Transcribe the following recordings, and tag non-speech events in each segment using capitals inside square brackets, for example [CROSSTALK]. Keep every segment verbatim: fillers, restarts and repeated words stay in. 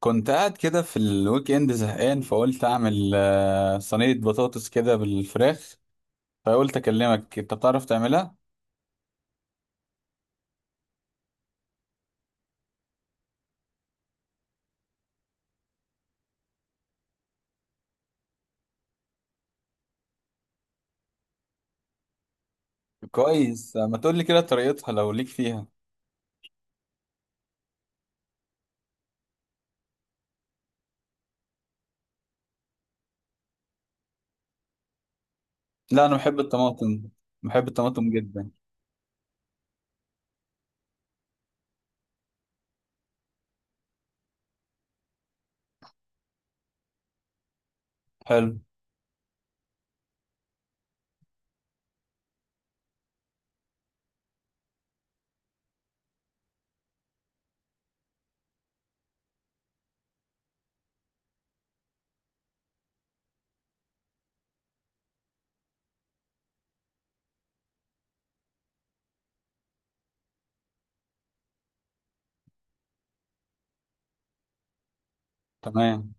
كنت قاعد كده في الويك اند زهقان فقلت اعمل آه، صينية بطاطس كده بالفراخ. فقلت اكلمك انت بتعرف تعملها. كويس، ما تقول لي كده طريقتها لو ليك فيها. لا، انا بحب الطماطم، بحب الطماطم جدا. حلو. تمام.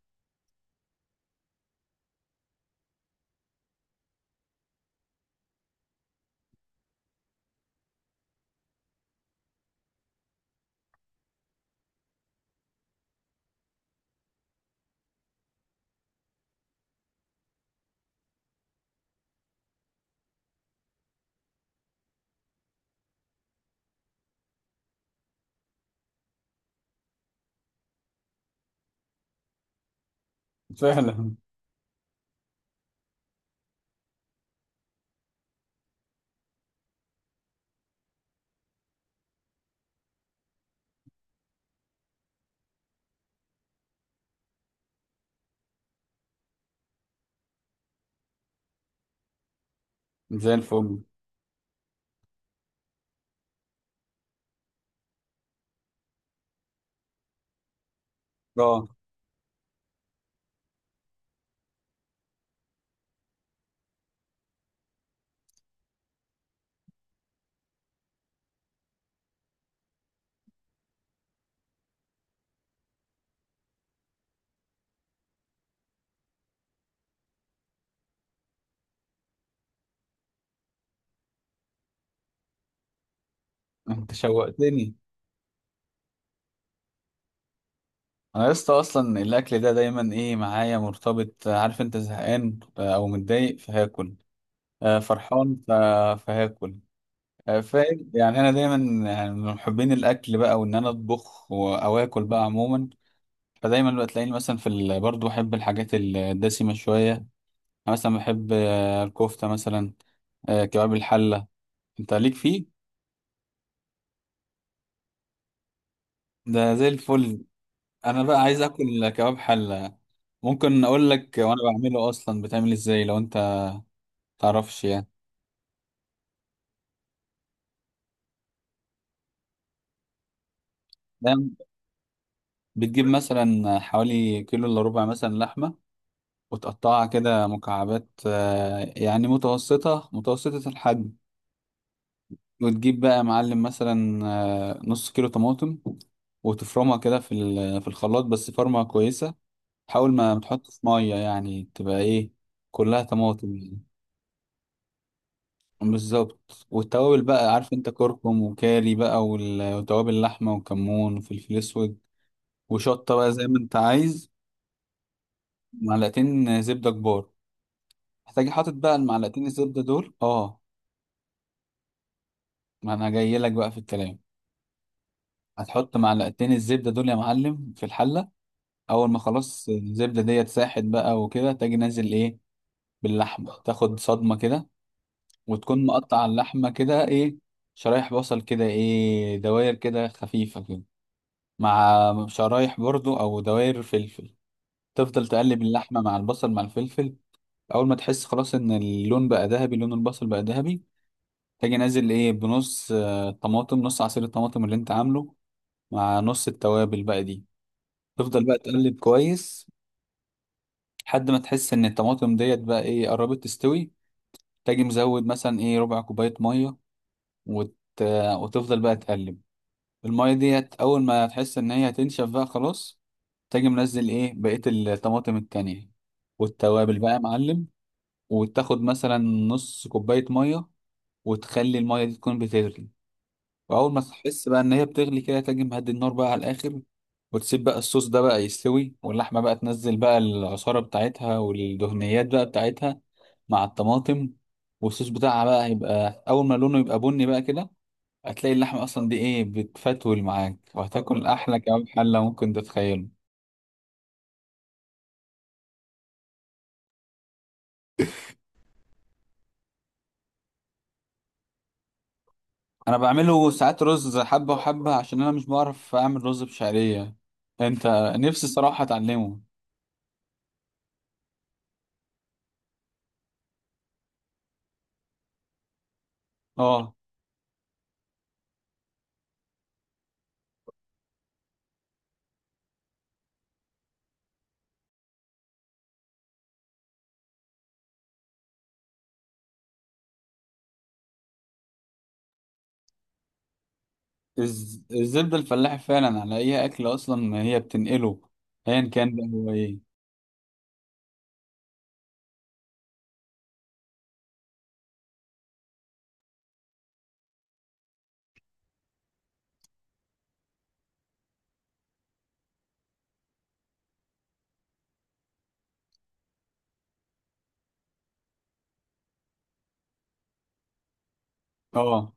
[LAUGHS] فعلا. زي الفل. اه، انت شوقتني. انا لسه اصلا الاكل ده دايما ايه معايا مرتبط، آه، عارف انت زهقان آه، او متضايق فهاكل، آه، فرحان ف- فهاكل. فاهم يعني انا دايما يعني من محبين الاكل بقى، وان انا اطبخ و- او اكل بقى عموما. فدايما بقى تلاقيني مثلا في ال... برضه بحب الحاجات الدسمه شويه. أنا مثلا بحب آه، الكفته مثلا، آه، كباب الحله. انت ليك فيه؟ ده زي الفل. انا بقى عايز اكل كباب حله. ممكن اقول لك وانا بعمله اصلا، بتعمل ازاي لو انت تعرفش يعني؟ ده بتجيب مثلا حوالي كيلو الا ربع مثلا لحمه وتقطعها كده مكعبات، آه، يعني متوسطه متوسطه الحجم. وتجيب بقى يا معلم مثلا آه، نص كيلو طماطم وتفرمها كده في ال- في الخلاط بس فرمة كويسة. حاول ما ما تحطش مية، يعني تبقى ايه، كلها طماطم يعني. بالظبط، والتوابل بقى عارف انت كركم وكاري بقى وال- وتوابل اللحمة وكمون وفلفل اسود وشطة بقى زي ما انت عايز. معلقتين زبدة كبار. هتجي حاطط بقى المعلقتين الزبدة دول. اه، ما انا جاي لك بقى في الكلام. هتحط معلقتين الزبدة دول يا معلم في الحلة. اول ما خلاص الزبده ديت ساحت بقى وكده، تاجي نازل ايه باللحمه، تاخد صدمه كده. وتكون مقطع اللحمه كده ايه، شرايح، بصل كده ايه دواير كده خفيفه كده، مع شرايح برضو او دواير فلفل. تفضل تقلب اللحمه مع البصل مع الفلفل. اول ما تحس خلاص ان اللون بقى ذهبي، لون البصل بقى ذهبي، تاجي نازل ايه بنص آه، طماطم، نص عصير الطماطم اللي انت عامله مع نص التوابل بقى دي. تفضل بقى تقلب كويس لحد ما تحس ان الطماطم ديت بقى ايه قربت تستوي. تاجي مزود مثلا ايه ربع كوباية مية وت... وتفضل بقى تقلب. المية ديت اول ما تحس ان هي هتنشف بقى خلاص، تاجي منزل ايه بقية الطماطم التانية والتوابل بقى يا معلم. وتاخد مثلا نص كوباية مية وتخلي المية دي تكون بتغلي. وأول ما تحس بقى إن هي بتغلي كده، تاجي مهدي النار بقى على الآخر. وتسيب بقى الصوص ده بقى يستوي واللحمة بقى تنزل بقى العصارة بتاعتها والدهنيات بقى بتاعتها مع الطماطم. والصوص بتاعها بقى هيبقى اول ما لونه يبقى بني بقى كده، هتلاقي اللحمه اصلا دي ايه بتفتول معاك وهتاكل احلى كباب حله ممكن تتخيله. انا بعمله ساعات رز حبه وحبه عشان انا مش بعرف اعمل رز بشعريه. انت، نفسي صراحه اتعلمه. اه، الز- الزبده الفلاحي فعلا على اي اكل اصلا هي بتنقله ايا كان بقى هو ايه. اه،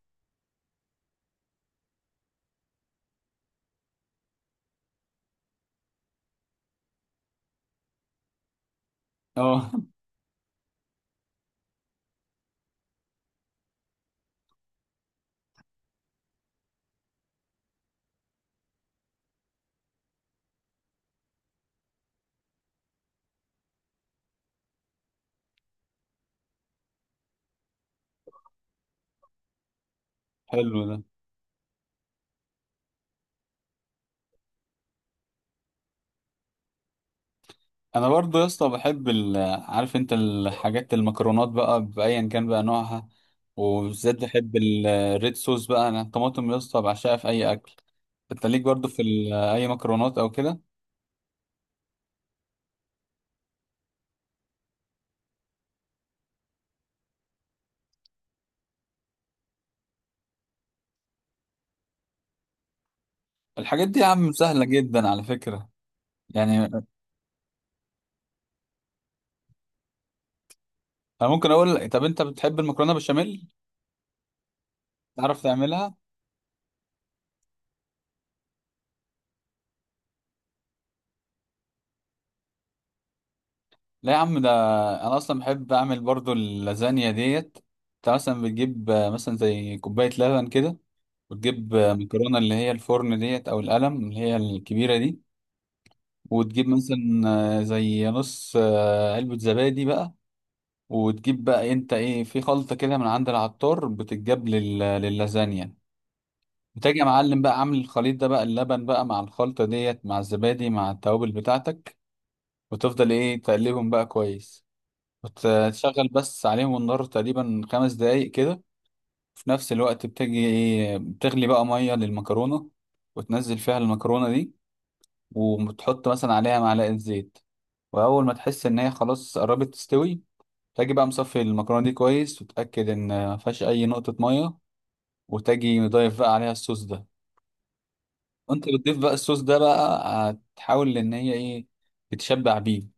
اه. [LAUGHS] حلو ده. انا برضو يا اسطى بحب ال... عارف انت الحاجات المكرونات بقى بايا كان بقى نوعها. وبالذات بحب ال- الريد صوص بقى، انا الطماطم يا اسطى بعشقها في اي اكل. انت ليك برضو في ال... اي مكرونات او كده؟ الحاجات دي يا عم سهله جدا على فكره. يعني انا ممكن اقول، طب انت بتحب المكرونه بشاميل؟ تعرف تعملها؟ لا يا عم، ده انا اصلا بحب اعمل برضو اللازانيا ديت. انت مثلا بتجيب مثلا زي كوبايه لبن كده وتجيب مكرونة اللي هي الفرن ديت أو القلم اللي هي الكبيرة دي. وتجيب مثلا آه، زي نص آه، علبة زبادي بقى. وتجيب بقى انت ايه في خلطة كده من عند العطار بتتجاب لل... لللازانيا. بتيجي يا معلم بقى عامل الخليط ده بقى اللبن بقى مع الخلطة ديت مع الزبادي مع التوابل بتاعتك. وتفضل ايه تقلبهم بقى كويس. وتشغل بس عليهم النار تقريبا خمس دقايق كده. في نفس الوقت بتجي ايه بتغلي بقى مية للمكرونة وتنزل فيها المكرونة دي، وتحط مثلا عليها معلقة زيت. وأول ما تحس إن هي خلاص قربت تستوي، تاجي بقى مصفي المكرونة دي كويس وتأكد إن مفيهاش أي نقطة مية. وتاجي مضيف بقى عليها الصوص ده. وأنت بتضيف بقى الصوص ده بقى، هتحاول إن هي إيه تتشبع بيه.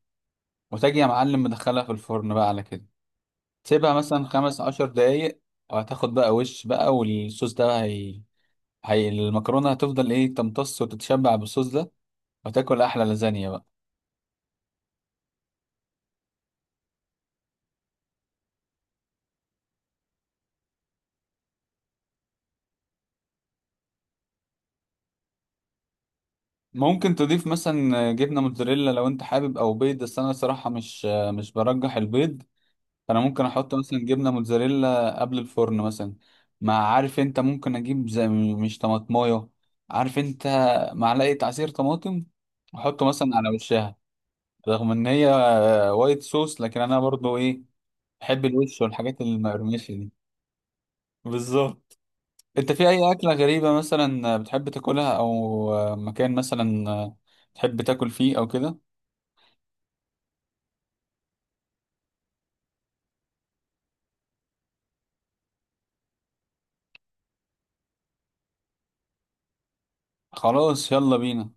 وتاجي يا معلم مدخلها في الفرن بقى على كده، تسيبها مثلا خمس عشر دقايق. وهتاخد بقى وش بقى، والصوص ده هي... هي المكرونة هتفضل إيه تمتص وتتشبع بالصوص ده، وتاكل أحلى لازانيا بقى. ممكن تضيف مثلا جبنه موتزاريلا لو انت حابب او بيض، بس انا صراحه مش مش برجح البيض. فانا ممكن احط مثلا جبنه موتزاريلا قبل الفرن مثلا. مع عارف انت ممكن اجيب زي مش طماطمايه، عارف انت، معلقه عصير طماطم احطه مثلا على وشها. رغم ان هي وايت صوص لكن انا برضو ايه بحب الوش والحاجات المقرمشه دي. بالظبط. انت في اي اكله غريبه مثلا بتحب تاكلها؟ او مكان مثلا تحب تاكل فيه او كده؟ خلاص، يلا بينا.